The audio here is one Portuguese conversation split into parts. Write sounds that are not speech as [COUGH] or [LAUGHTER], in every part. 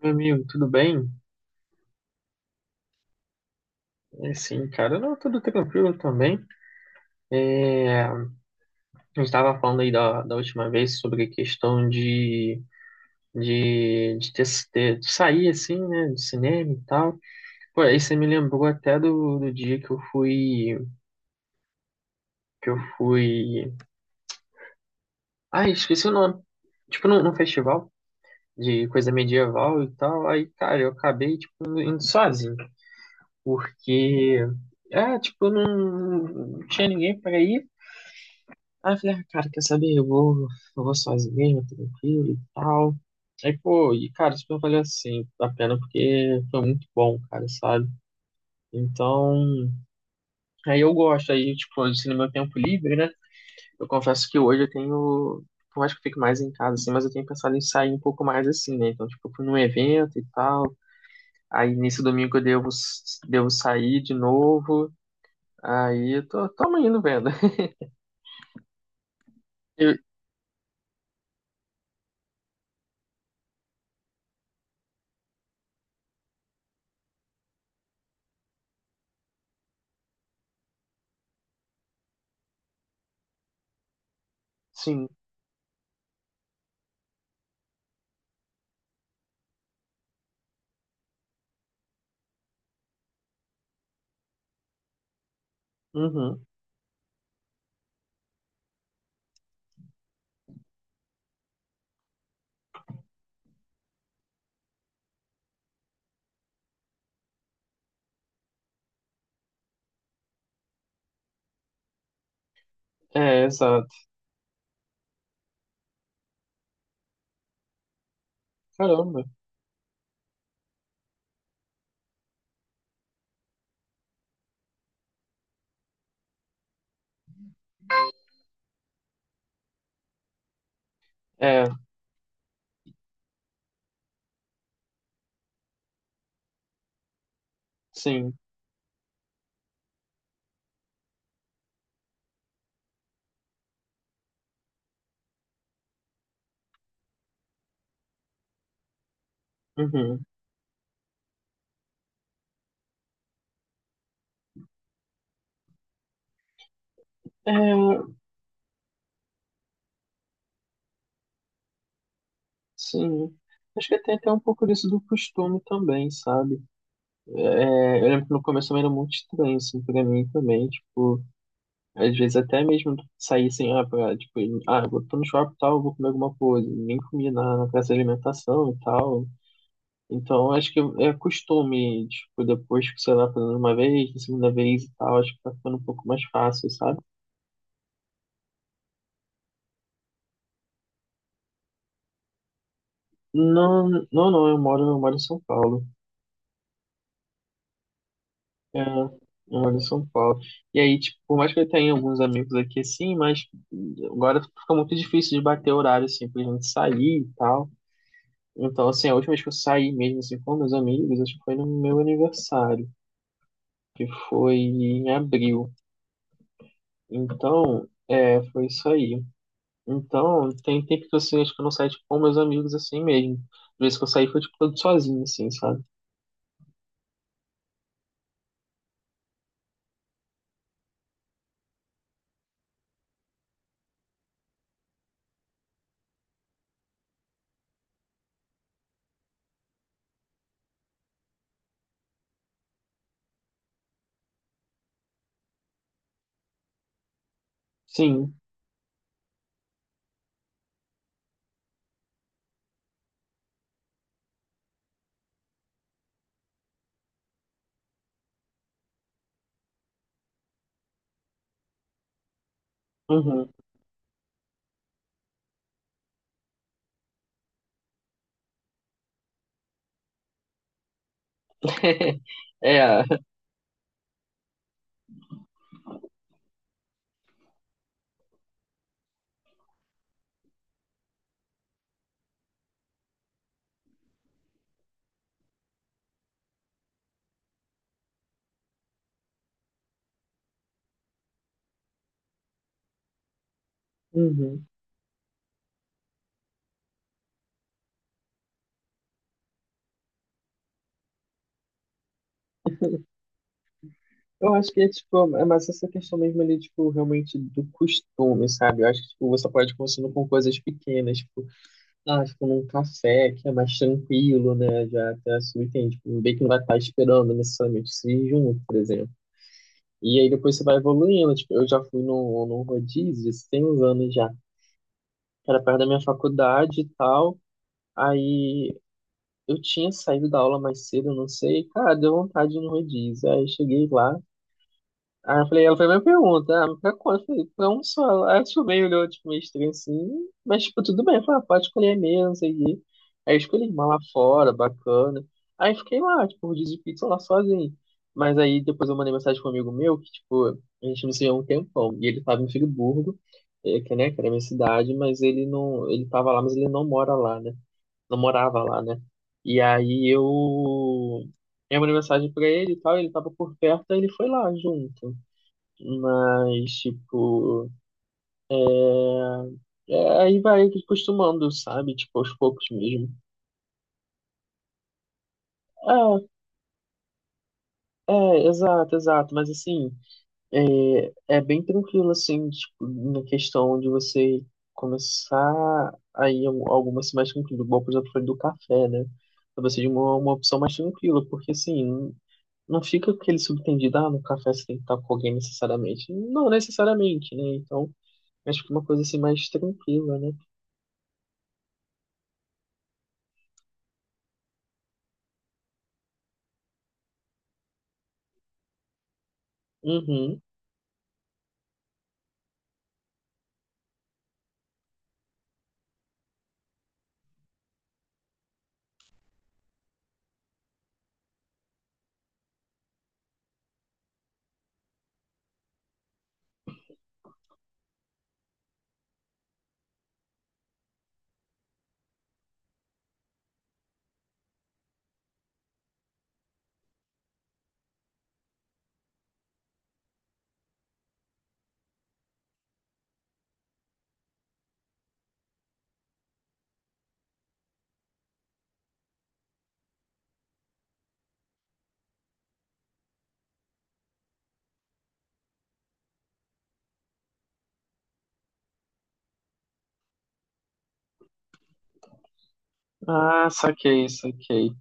Meu amigo, tudo bem? É, sim, cara, não, tudo tranquilo também. É, a gente estava falando aí da última vez sobre a questão de, de, ter, de sair assim, né, do cinema e tal. Pô, aí você me lembrou até do dia que eu fui... Ai, esqueci o nome. Tipo, num festival de coisa medieval e tal. Aí, cara, eu acabei, tipo, indo sozinho, porque... É, tipo, não tinha ninguém para ir. Aí eu falei, ah, cara, quer saber? Eu vou sozinho, tranquilo e tal. Aí, pô, e cara, super valeu assim a pena, porque foi muito bom, cara, sabe? Então, aí eu gosto, aí, tipo, assim, no meu tempo livre, né? Eu confesso que hoje eu tenho, eu acho que eu fico mais em casa, assim, mas eu tenho pensado em sair um pouco mais assim, né? Então, tipo, eu fui num evento e tal. Aí nesse domingo devo sair de novo. Aí eu tamo indo vendo. [LAUGHS] Eu- sim, uhum. É, exato. Caramba. É. Sim. Uhum. É, sim. Acho que tem até um pouco disso do costume também, sabe? É, eu lembro que no começo também era muito estranho, assim, pra mim também. Tipo, às vezes até mesmo sair assim, ah, pra, tipo, ah, eu tô no shopping e tal, eu vou comer alguma coisa. Nem comia na praça de alimentação e tal. Então, acho que é costume, tipo, depois que, sei lá, fazendo uma vez, na segunda vez e tal, acho que tá ficando um pouco mais fácil, sabe? Não, não, não, eu moro em São Paulo. É, eu moro em São Paulo. E aí, tipo, por mais que eu tenha alguns amigos aqui, assim, mas agora fica muito difícil de bater horário, assim, pra gente sair e tal. Então, assim, a última vez que eu saí mesmo, assim, com meus amigos, acho que foi no meu aniversário, que foi em abril. Então, é, foi isso aí. Então, tem tempo que, assim, acho que eu não saio, tipo, com meus amigos, assim, mesmo. Às vezes que eu saí, foi, tipo, todo sozinho, assim, sabe? Sim. Uhum. [LAUGHS] É, uhum. Eu acho que é, tipo, é mais essa questão mesmo ali, tipo, realmente do costume, sabe? Eu acho que, tipo, você pode ir começando com coisas pequenas, tipo, ah, tipo, num café que é mais tranquilo, né? Já até subentende, tipo, bem que não vai estar esperando necessariamente se junto, por exemplo. E aí depois você vai evoluindo, tipo, eu já fui num rodízio, tem uns anos já, que era perto da minha faculdade e tal. Aí eu tinha saído da aula mais cedo, não sei, cara, deu vontade de ir no rodízio. Aí eu cheguei lá, aí eu falei, ela fez a minha pergunta, ah, mas pra quanto? Eu falei, pra um só. Aí ela tipo, meio olhou, tipo, meio estranho assim, mas tipo, tudo bem, eu falei, ah, pode escolher mesmo, não sei o quê. Aí eu escolhi uma lá fora, bacana. Aí fiquei lá, tipo, rodízio de pizza lá sozinho. Mas aí depois eu mandei mensagem para um amigo meu, que tipo, a gente não se via há um tempão, e ele tava em Friburgo, eh, que, né, que era a minha cidade, mas ele não, ele tava lá, mas ele não mora lá, né? Não morava lá, né? E aí eu mandei mensagem pra ele e tal, ele tava por perto, aí ele foi lá junto. Mas, tipo, é, aí vai acostumando, sabe? Tipo, aos poucos mesmo. É, é, exato. Mas assim, é, é bem tranquilo, assim, tipo, na questão de você começar aí algumas mais tranquilo. Igual, por exemplo, foi do café, né? Pra você de uma opção mais tranquila, porque assim, não fica aquele subtendido, ah, no café você tem que estar com alguém necessariamente. Não necessariamente, né? Então, acho que uma coisa assim mais tranquila, né? Uhum. Ah, saquei.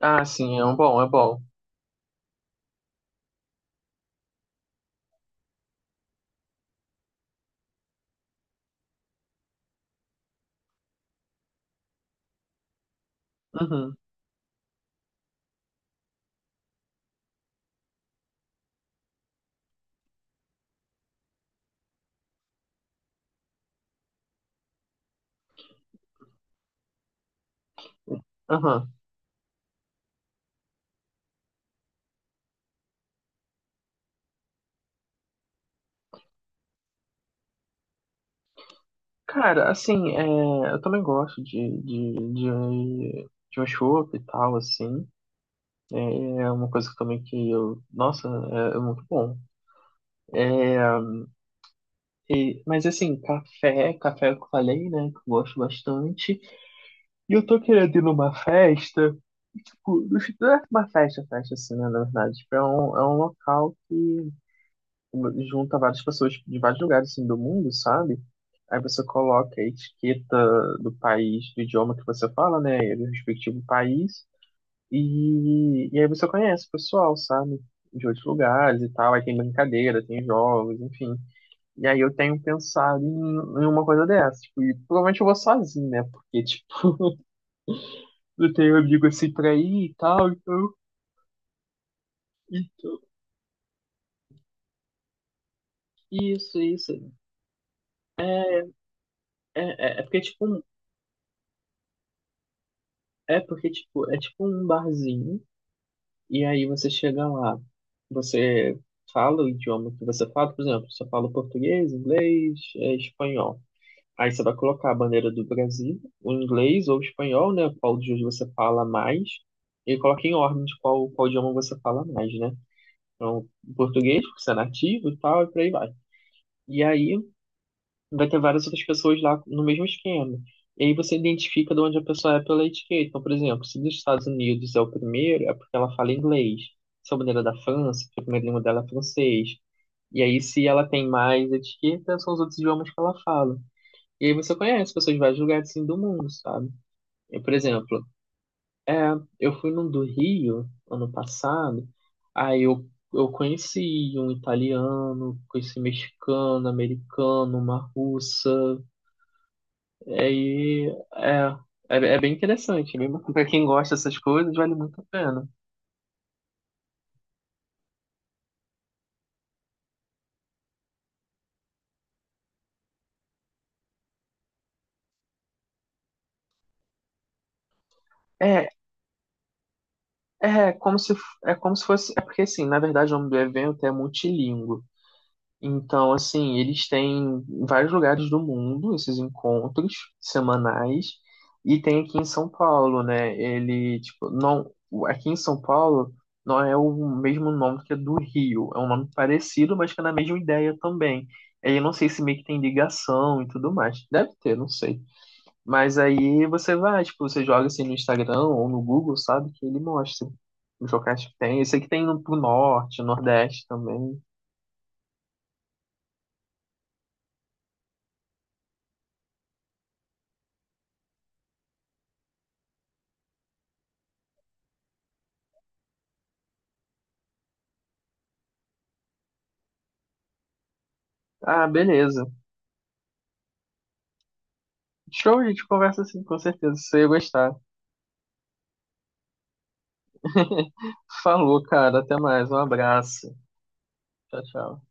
Ah, sim, é um bom, é bom. Uhum, uhum. Cara, assim, é, eu também gosto de um chopp e tal, assim. É é uma coisa que também que eu. Nossa, é é muito bom. É, e- mas assim, café que eu falei, né? Que eu gosto bastante. E eu tô querendo ir numa festa, e, tipo, no não é uma festa, festa assim, né, na verdade. Tipo, é é um local que junta várias pessoas de vários lugares, assim, do mundo, sabe? Aí você coloca a etiqueta do país, do idioma que você fala, né, e do respectivo país, e aí você conhece o pessoal, sabe? De outros lugares e tal, aí tem brincadeira, tem jogos, enfim. E aí eu tenho pensado em uma coisa dessa, tipo, e provavelmente eu vou sozinho, né, porque, não tenho amigo assim pra ir e tal, então. Então, isso, isso. É, é, é é porque tipo, um- é porque tipo, é tipo um barzinho, e aí você chega lá, você fala o idioma que você fala, por exemplo, você fala português, inglês, é, espanhol. Aí você vai colocar a bandeira do Brasil, o inglês ou o espanhol, né? Qual dos dois você fala mais, e coloca em ordem de qual idioma você fala mais, né? Então, português, porque você é nativo e tal, e por aí vai. E aí, vai ter várias outras pessoas lá no mesmo esquema. E aí você identifica de onde a pessoa é pela etiqueta. Então, por exemplo, se dos Estados Unidos é o primeiro, é porque ela fala inglês. Se a bandeira é da França, porque a primeira língua dela é francês. E aí, se ela tem mais etiqueta, são os outros idiomas que ela fala. E aí você conhece pessoas de vários lugares assim, do mundo, sabe? Eu, por exemplo, é, eu fui num do Rio ano passado, aí eu, eu conheci um italiano, conheci um mexicano, americano, uma russa, e aí, é, é, é bem interessante, é bem bacana. Pra quem gosta dessas coisas, vale muito a pena. É, é como se, é como se fosse, é porque assim, na verdade o nome do evento é multilíngue. Então, assim, eles têm em vários lugares do mundo esses encontros semanais e tem aqui em São Paulo, né? Ele, tipo, não, aqui em São Paulo não é o mesmo nome que é do Rio, é um nome parecido, mas que é na mesma ideia também. Aí eu não sei se meio que tem ligação e tudo mais. Deve ter, não sei. Mas aí você vai, tipo, você joga assim no Instagram ou no Google, sabe? Que ele mostra os locais que tem. Esse que tem no pro norte, nordeste também. Ah, beleza. Show, a gente conversa assim, com certeza. Você ia gostar. [LAUGHS] Falou, cara. Até mais. Um abraço. Tchau, tchau.